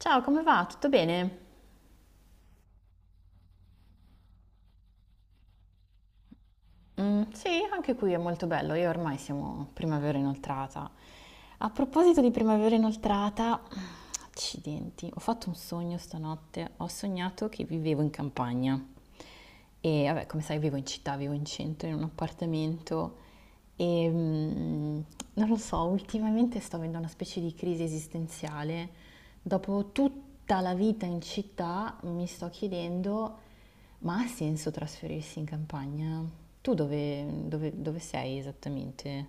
Ciao, come va? Tutto bene? Mm, sì, anche qui è molto bello. Io ormai siamo primavera inoltrata. A proposito di primavera inoltrata, accidenti, ho fatto un sogno stanotte. Ho sognato che vivevo in campagna. E vabbè, come sai, vivo in città, vivo in centro, in un appartamento. E non lo so, ultimamente sto avendo una specie di crisi esistenziale. Dopo tutta la vita in città, mi sto chiedendo. Ma ha senso trasferirsi in campagna? Tu dove sei esattamente?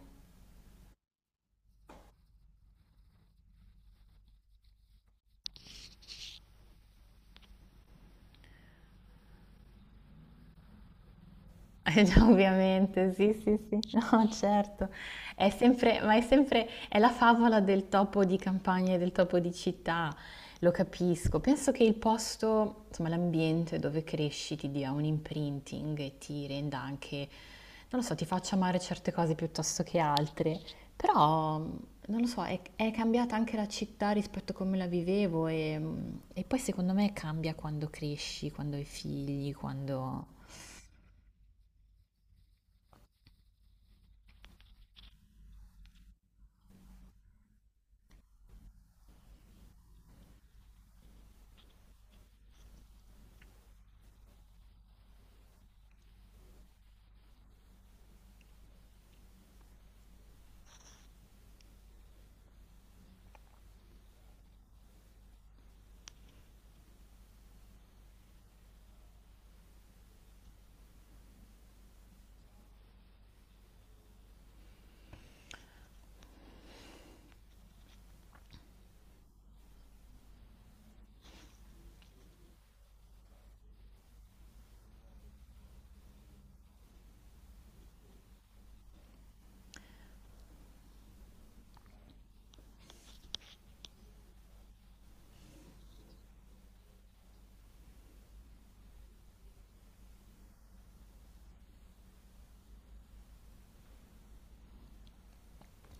Eh già, ovviamente, sì, sì, sì, no, certo. È sempre, è la favola del topo di campagna e del topo di città, lo capisco. Penso che il posto, insomma, l'ambiente dove cresci ti dia un imprinting e ti renda anche, non lo so, ti faccia amare certe cose piuttosto che altre. Però, non lo so, è cambiata anche la città rispetto a come la vivevo e poi secondo me cambia quando cresci, quando hai figli, quando...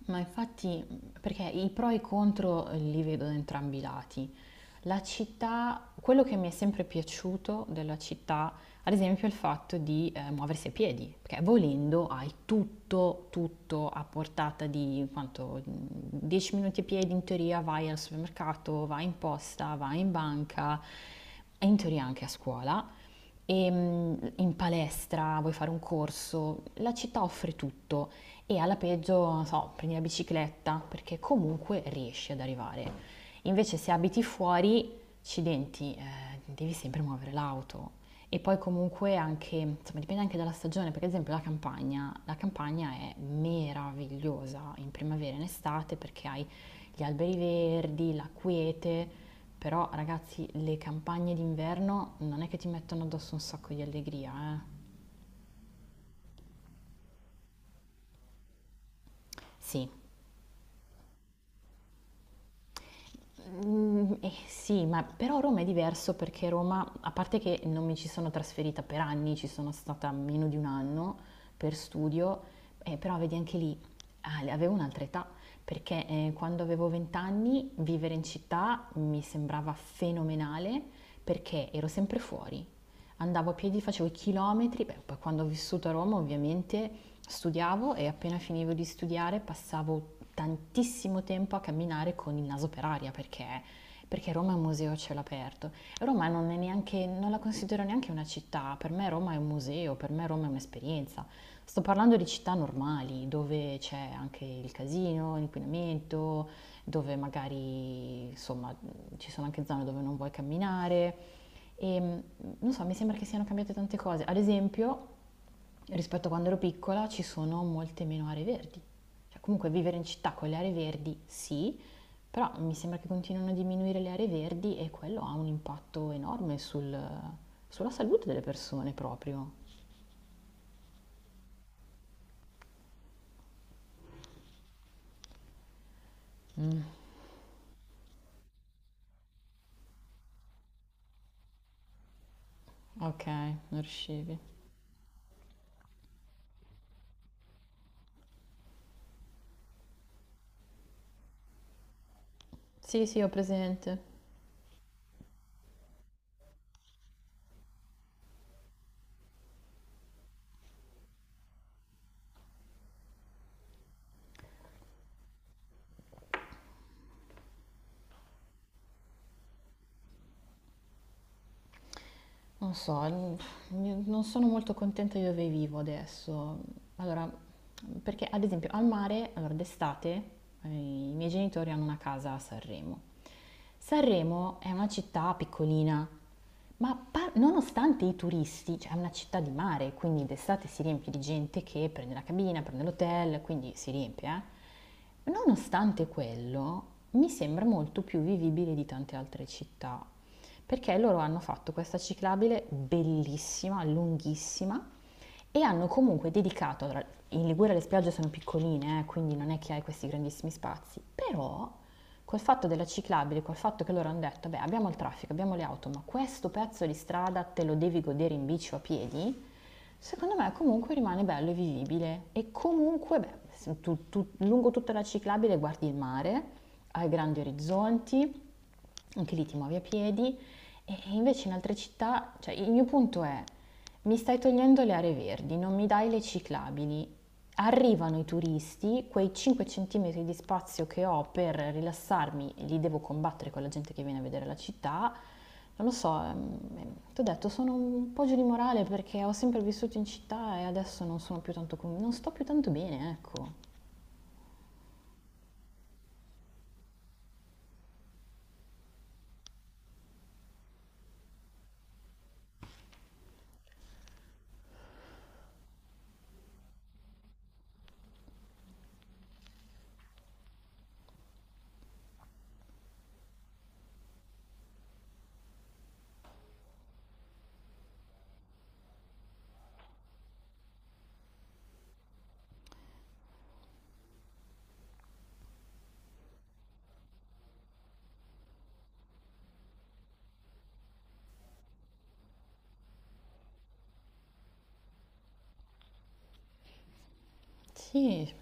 Ma infatti, perché i pro e i contro li vedo da entrambi i lati. La città, quello che mi è sempre piaciuto della città, ad esempio, è il fatto di muoversi a piedi, perché volendo hai tutto, tutto a portata di quanto 10 minuti a piedi in teoria, vai al supermercato, vai in posta, vai in banca, e in teoria anche a scuola, e in palestra, vuoi fare un corso, la città offre tutto e alla peggio, non so, prendi la bicicletta perché comunque riesci ad arrivare. Invece se abiti fuori, accidenti, devi sempre muovere l'auto. E poi comunque anche, insomma, dipende anche dalla stagione, perché ad esempio la campagna è meravigliosa in primavera e in estate perché hai gli alberi verdi, la quiete, però ragazzi, le campagne d'inverno non è che ti mettono addosso un sacco di allegria, eh. Sì, sì, ma però Roma è diverso perché Roma, a parte che non mi ci sono trasferita per anni, ci sono stata meno di un anno per studio, però vedi anche lì, ah, avevo un'altra età, perché quando avevo 20 anni vivere in città mi sembrava fenomenale perché ero sempre fuori, andavo a piedi, facevo i chilometri, beh, poi quando ho vissuto a Roma ovviamente studiavo e appena finivo di studiare passavo tantissimo tempo a camminare con il naso per aria perché, perché Roma è un museo a cielo aperto. Roma non è neanche, non la considero neanche una città, per me Roma è un museo, per me Roma è un'esperienza. Sto parlando di città normali dove c'è anche il casino, l'inquinamento, dove magari insomma ci sono anche zone dove non vuoi camminare e non so, mi sembra che siano cambiate tante cose. Ad esempio, rispetto a quando ero piccola ci sono molte meno aree verdi. Cioè, comunque vivere in città con le aree verdi sì, però mi sembra che continuino a diminuire le aree verdi e quello ha un impatto enorme sulla salute delle persone proprio. Ok, non riuscivi. Sì, sì, ho presente. Non so, non sono molto contenta di dove vivo adesso. Allora, perché ad esempio al mare, allora d'estate, i miei genitori hanno una casa a Sanremo. Sanremo è una città piccolina, ma nonostante i turisti, cioè è una città di mare, quindi d'estate si riempie di gente che prende la cabina, prende l'hotel, quindi si riempie, eh. Nonostante quello, mi sembra molto più vivibile di tante altre città, perché loro hanno fatto questa ciclabile bellissima, lunghissima, e hanno comunque dedicato, allora, in Liguria le spiagge sono piccoline, quindi non è che hai questi grandissimi spazi, però col fatto della ciclabile, col fatto che loro hanno detto, beh abbiamo il traffico, abbiamo le auto, ma questo pezzo di strada te lo devi godere in bici o a piedi, secondo me comunque rimane bello e vivibile e comunque, beh, se lungo tutta la ciclabile guardi il mare, hai grandi orizzonti, anche lì ti muovi a piedi e invece in altre città, cioè il mio punto è, mi stai togliendo le aree verdi, non mi dai le ciclabili, arrivano i turisti, quei 5 centimetri di spazio che ho per rilassarmi, li devo combattere con la gente che viene a vedere la città, non lo so, ti ho detto, sono un po' giù di morale perché ho sempre vissuto in città e adesso non sono più tanto, non sto più tanto bene, ecco. Sì,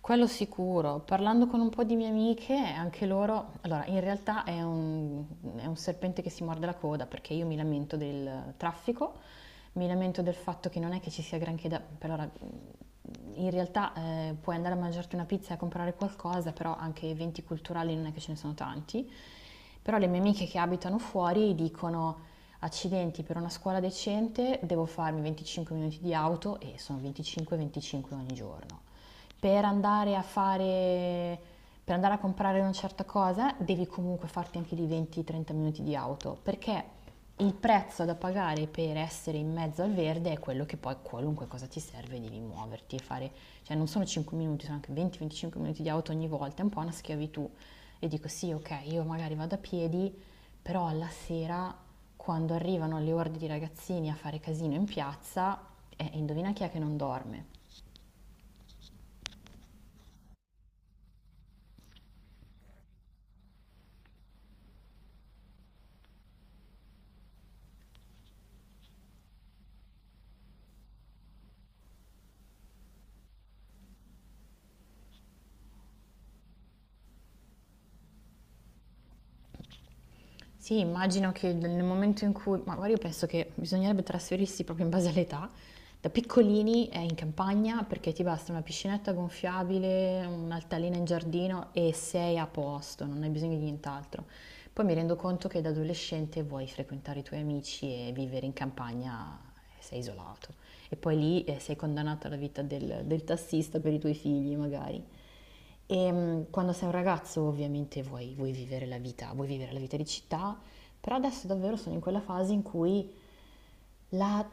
quello sicuro. Parlando con un po' di mie amiche, anche loro, allora in realtà è un serpente che si morde la coda perché io mi lamento del traffico, mi lamento del fatto che non è che ci sia granché da... per ora, in realtà puoi andare a mangiarti una pizza e a comprare qualcosa, però anche eventi culturali non è che ce ne sono tanti. Però le mie amiche che abitano fuori dicono... Accidenti, per una scuola decente devo farmi 25 minuti di auto e sono 25-25 ogni giorno per andare a fare, per andare a comprare una certa cosa, devi comunque farti anche di 20-30 minuti di auto, perché il prezzo da pagare per essere in mezzo al verde è quello che poi qualunque cosa ti serve devi muoverti e fare, cioè non sono 5 minuti, sono anche 20-25 minuti di auto ogni volta, è un po' una schiavitù. E dico sì, ok, io magari vado a piedi, però alla sera, quando arrivano le orde di ragazzini a fare casino in piazza, indovina chi è che non dorme? Sì, immagino che nel momento in cui, ma guarda, io penso che bisognerebbe trasferirsi proprio in base all'età. Da piccolini è in campagna perché ti basta una piscinetta gonfiabile, un'altalena in giardino e sei a posto, non hai bisogno di nient'altro. Poi mi rendo conto che da adolescente vuoi frequentare i tuoi amici e vivere in campagna sei isolato. E poi lì sei condannato alla vita del tassista per i tuoi figli, magari. E quando sei un ragazzo ovviamente vuoi vivere la vita, vuoi vivere la vita di città, però adesso davvero sono in quella fase in cui la-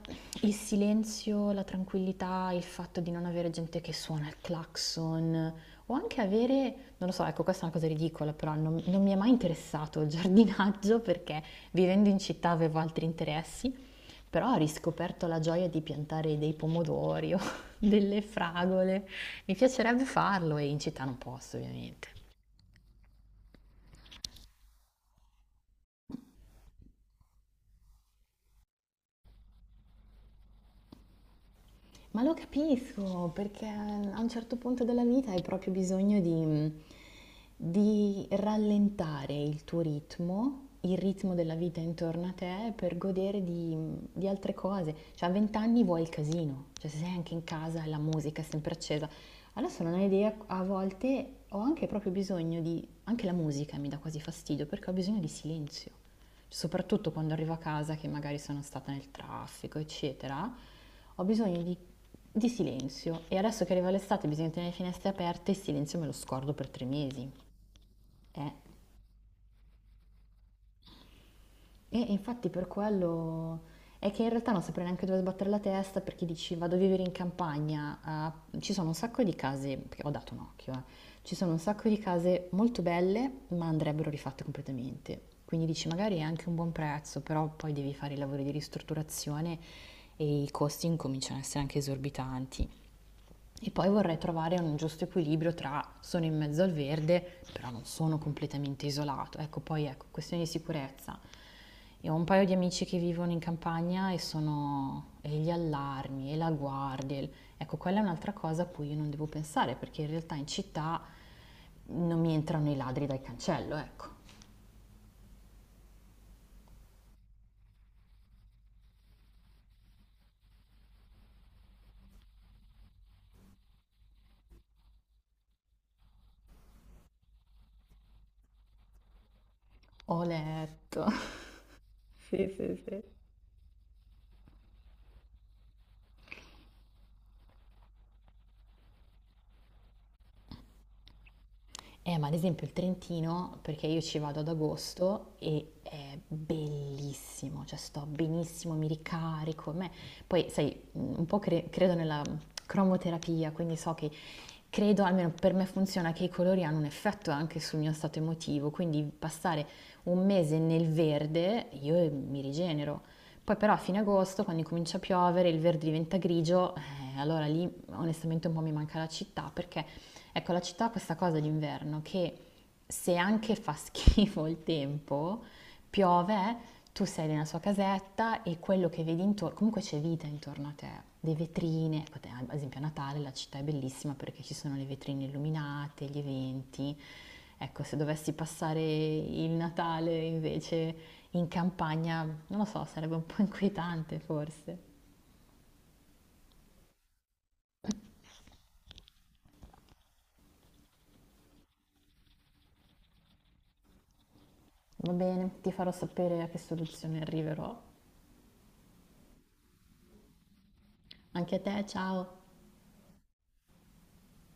il silenzio, la tranquillità, il fatto di non avere gente che suona il clacson o anche avere, non lo so, ecco questa è una cosa ridicola, però non mi è mai interessato il giardinaggio perché vivendo in città avevo altri interessi però ho riscoperto la gioia di piantare dei pomodori o delle fragole. Mi piacerebbe farlo e in città non posso, ovviamente. Ma lo capisco, perché a un certo punto della vita hai proprio bisogno di rallentare il tuo ritmo, il ritmo della vita intorno a te, per godere di altre cose. Cioè a 20 anni vuoi il casino, cioè se sei anche in casa e la musica è sempre accesa. Adesso non hai idea, a volte ho anche proprio bisogno di... anche la musica mi dà quasi fastidio, perché ho bisogno di silenzio soprattutto quando arrivo a casa che magari sono stata nel traffico, eccetera, ho bisogno di silenzio e adesso che arriva l'estate bisogna tenere le finestre aperte, il silenzio me lo scordo per 3 mesi. Eh. E infatti per quello è che in realtà non saprei neanche dove sbattere la testa perché dici vado a vivere in campagna, ah, ci sono un sacco di case, perché ho dato un occhio, ci sono un sacco di case molto belle ma andrebbero rifatte completamente. Quindi dici magari è anche un buon prezzo, però poi devi fare i lavori di ristrutturazione e i costi incominciano a essere anche esorbitanti. E poi vorrei trovare un giusto equilibrio tra sono in mezzo al verde, però non sono completamente isolato. Ecco, poi ecco, questione di sicurezza. Io ho un paio di amici che vivono in campagna e sono e gli allarmi e la guardia. Ecco, quella è un'altra cosa a cui io non devo pensare, perché in realtà in città non mi entrano i ladri dal cancello, ecco. Ho letto. Sì, sì, sì. Ma ad esempio il Trentino, perché io ci vado ad agosto e è bellissimo, cioè sto benissimo, mi ricarico. Poi, sai, un po' credo nella cromoterapia, quindi so che credo, almeno per me funziona, che i colori hanno un effetto anche sul mio stato emotivo, quindi passare un mese nel verde io mi rigenero. Poi però a fine agosto, quando comincia a piovere, il verde diventa grigio, allora lì onestamente un po' mi manca la città, perché ecco la città ha questa cosa d'inverno che se anche fa schifo il tempo, piove, tu sei nella sua casetta e quello che vedi intorno, comunque c'è vita intorno a te, le vetrine, ecco, ad esempio a Natale la città è bellissima perché ci sono le vetrine illuminate, gli eventi. Ecco, se dovessi passare il Natale invece in campagna, non lo so, sarebbe un po' inquietante forse. Va bene, ti farò sapere a che soluzione arriverò. Anche a te, ciao!